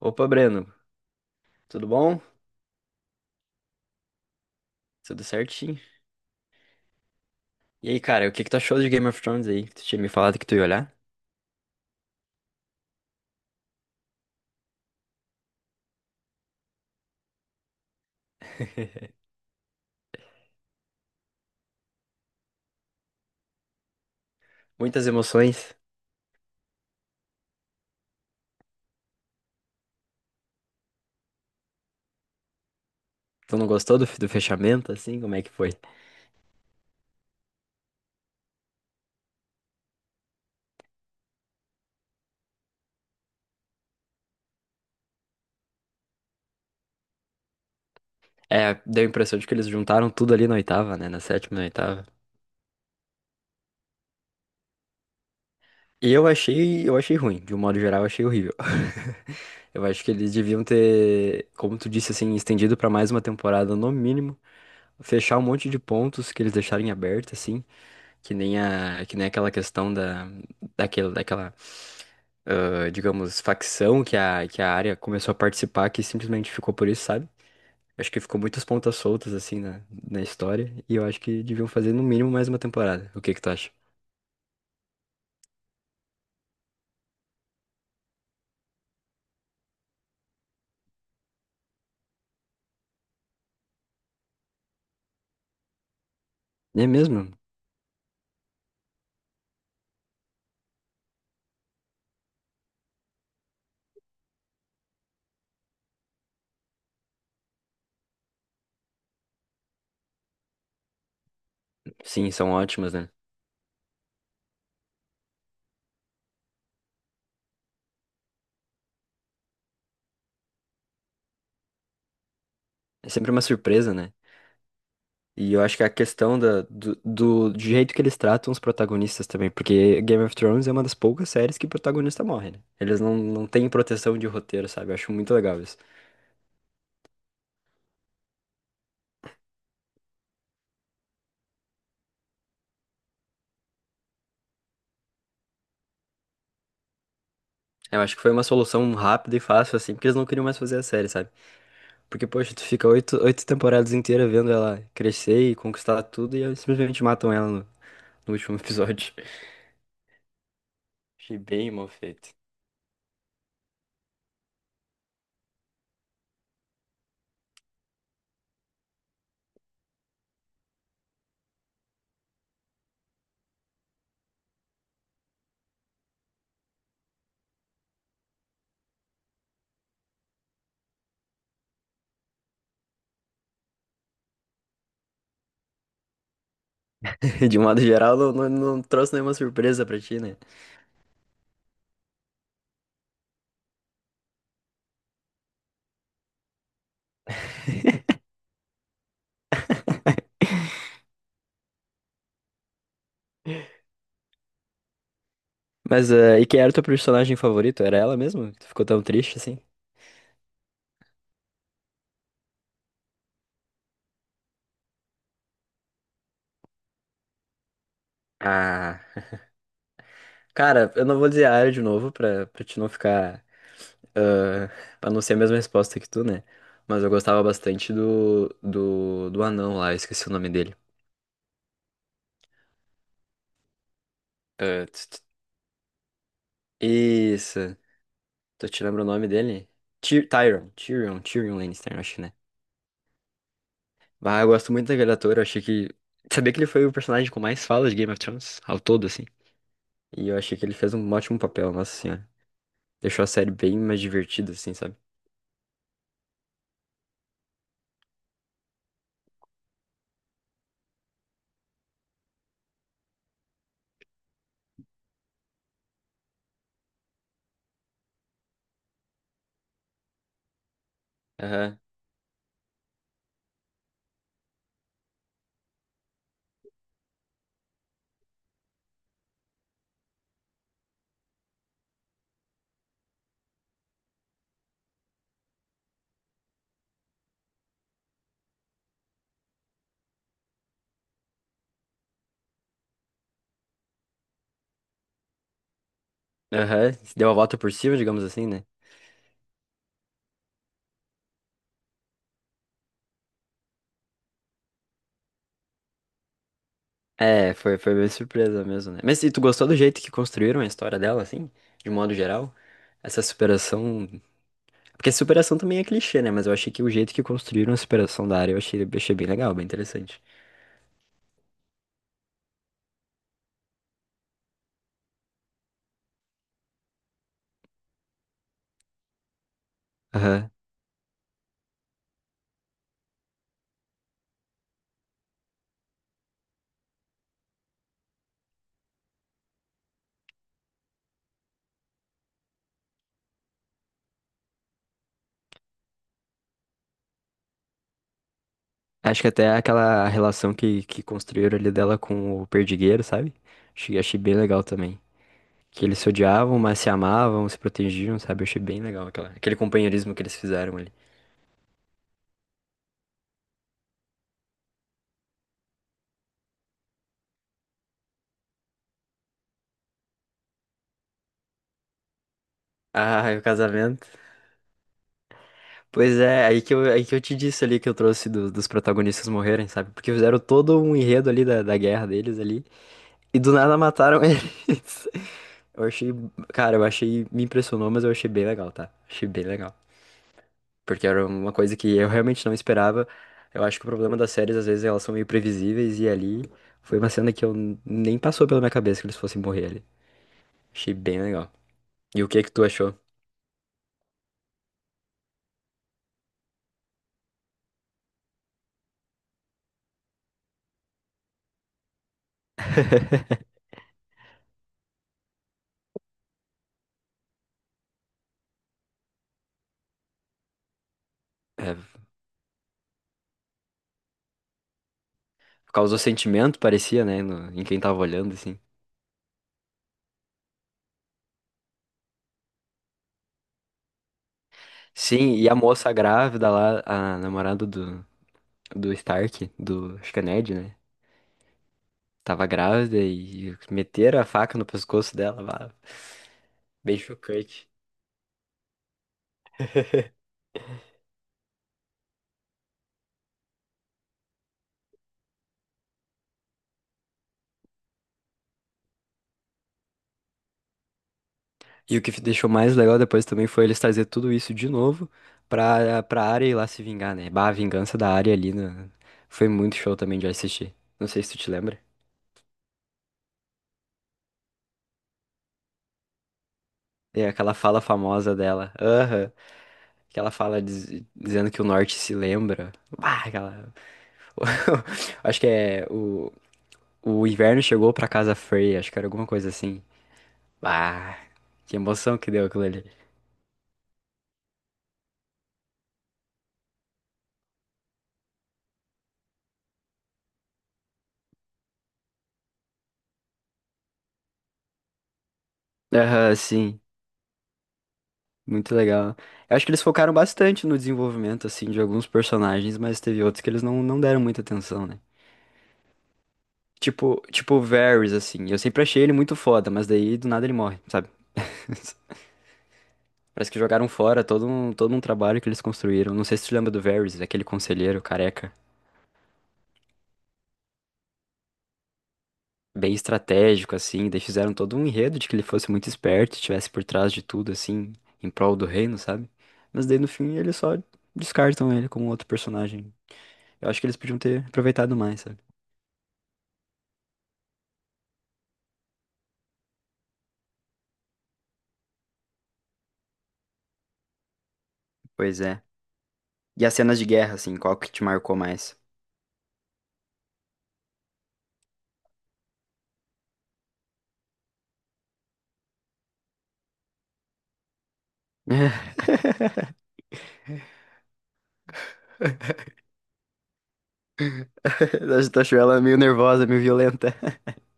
Opa, Breno, tudo bom? Tudo certinho? E aí, cara, o que que tu achou de Game of Thrones aí? Que tu tinha me falado que tu ia olhar? Muitas emoções. Tu não gostou do fechamento, assim? Como é que foi? É, deu a impressão de que eles juntaram tudo ali na oitava, né? Na sétima, e na oitava. Eu achei ruim. De um modo geral, eu achei horrível. Eu acho que eles deviam ter, como tu disse, assim, estendido pra mais uma temporada no mínimo. Fechar um monte de pontos que eles deixarem aberto, assim. Que nem a, que nem aquela questão da, daquele, daquela, ah, digamos, facção que a área começou a participar, que simplesmente ficou por isso, sabe? Acho que ficou muitas pontas soltas, assim, na, na história, e eu acho que deviam fazer no mínimo mais uma temporada. O que que tu acha? É mesmo? Sim, são ótimas, né? É sempre uma surpresa, né? E eu acho que a questão da, do, do jeito que eles tratam os protagonistas também, porque Game of Thrones é uma das poucas séries que o protagonista morre, né? Eles não, não têm proteção de roteiro, sabe? Eu acho muito legal isso. Eu acho que foi uma solução rápida e fácil, assim, porque eles não queriam mais fazer a série, sabe? Porque, poxa, tu fica oito temporadas inteiras vendo ela crescer e conquistar tudo e aí simplesmente matam ela no, no último episódio. Achei bem mal feito. De um modo geral, não, não, não trouxe nenhuma surpresa pra ti, né? Mas, e quem era o teu personagem favorito? Era ela mesmo? Que tu ficou tão triste, assim? Ah, cara, eu não vou dizer a área de novo pra, pra te não ficar ah, pra não ser a mesma resposta que tu, né? Mas eu gostava bastante do, do, do anão lá, eu esqueci o nome dele. Ah, tss, tss. Isso. Tu te lembra o nome dele? Tyrion, Tyrion, Tyrion Lannister, eu acho, né? Ah, eu gosto muito daquele ator, eu achei que... Sabia que ele foi o personagem com mais falas de Game of Thrones, ao todo, assim. E eu achei que ele fez um ótimo papel, nossa senhora. Deixou a série bem mais divertida, assim, sabe? Aham, aham. Deu a volta por cima, digamos assim, né? É, foi, foi bem surpresa mesmo, né? Mas e tu gostou do jeito que construíram a história dela, assim? De modo geral? Essa superação. Porque a superação também é clichê, né? Mas eu achei que o jeito que construíram a superação da área eu achei bem legal, bem interessante. Aham. Acho que até aquela relação que construíram ali dela com o perdigueiro, sabe? Achei, achei bem legal também. Que eles se odiavam, mas se amavam, se protegiam, sabe? Eu achei bem legal aquela, aquele companheirismo que eles fizeram ali. Ah, e o casamento. Pois é, aí que eu te disse ali que eu trouxe dos protagonistas morrerem, sabe? Porque fizeram todo um enredo ali da, da guerra deles ali, e do nada mataram eles. Eu achei, cara, eu achei, me impressionou, mas eu achei bem legal, tá? Achei bem legal. Porque era uma coisa que eu realmente não esperava. Eu acho que o problema das séries, às vezes, elas são meio previsíveis, e ali foi uma cena que nem passou pela minha cabeça que eles fossem morrer ali. Achei bem legal. E o que que tu achou? É, causou sentimento, parecia, né, em quem tava olhando, assim. Sim, e a moça grávida lá, a namorada do, do Stark, do, acho que é Ned, né? Tava grávida e meteram a faca no pescoço dela, lá. Bem chocante. E o que deixou mais legal depois também foi eles trazer tudo isso de novo pra, pra Arya ir lá se vingar, né? Bah, a vingança da Arya ali né? Foi muito show também de assistir. Não sei se tu te lembra. É aquela fala famosa dela. Aham. Que ela fala dizendo que o norte se lembra. Bah, aquela. Acho que é o. O inverno chegou pra casa fria, acho que era alguma coisa assim. Ah, que emoção que deu aquilo ali. Aham, sim, muito legal. Eu acho que eles focaram bastante no desenvolvimento, assim, de alguns personagens, mas teve outros que eles não, não deram muita atenção, né? Tipo o Varys, assim, eu sempre achei ele muito foda, mas daí do nada ele morre, sabe? Parece que jogaram fora todo um trabalho que eles construíram. Não sei se tu lembra do Varys, aquele conselheiro careca. Bem estratégico, assim. Daí fizeram todo um enredo de que ele fosse muito esperto, estivesse por trás de tudo, assim, em prol do reino, sabe? Mas daí no fim eles só descartam ele como outro personagem. Eu acho que eles podiam ter aproveitado mais, sabe? Pois é. E as cenas de guerra, assim, qual que te marcou mais? Acho achou ela meio nervosa, meio violenta.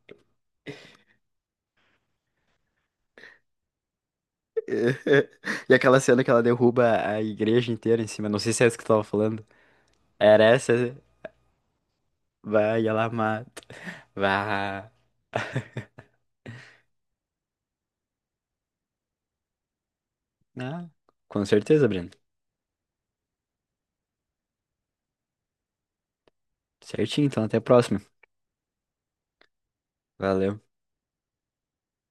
E aquela cena que ela derruba a igreja inteira em cima, não sei se é essa que tu tava falando. Era essa? Vai, ela mata. Vá. Ah, com certeza, Breno. Certinho, então até a próxima. Valeu.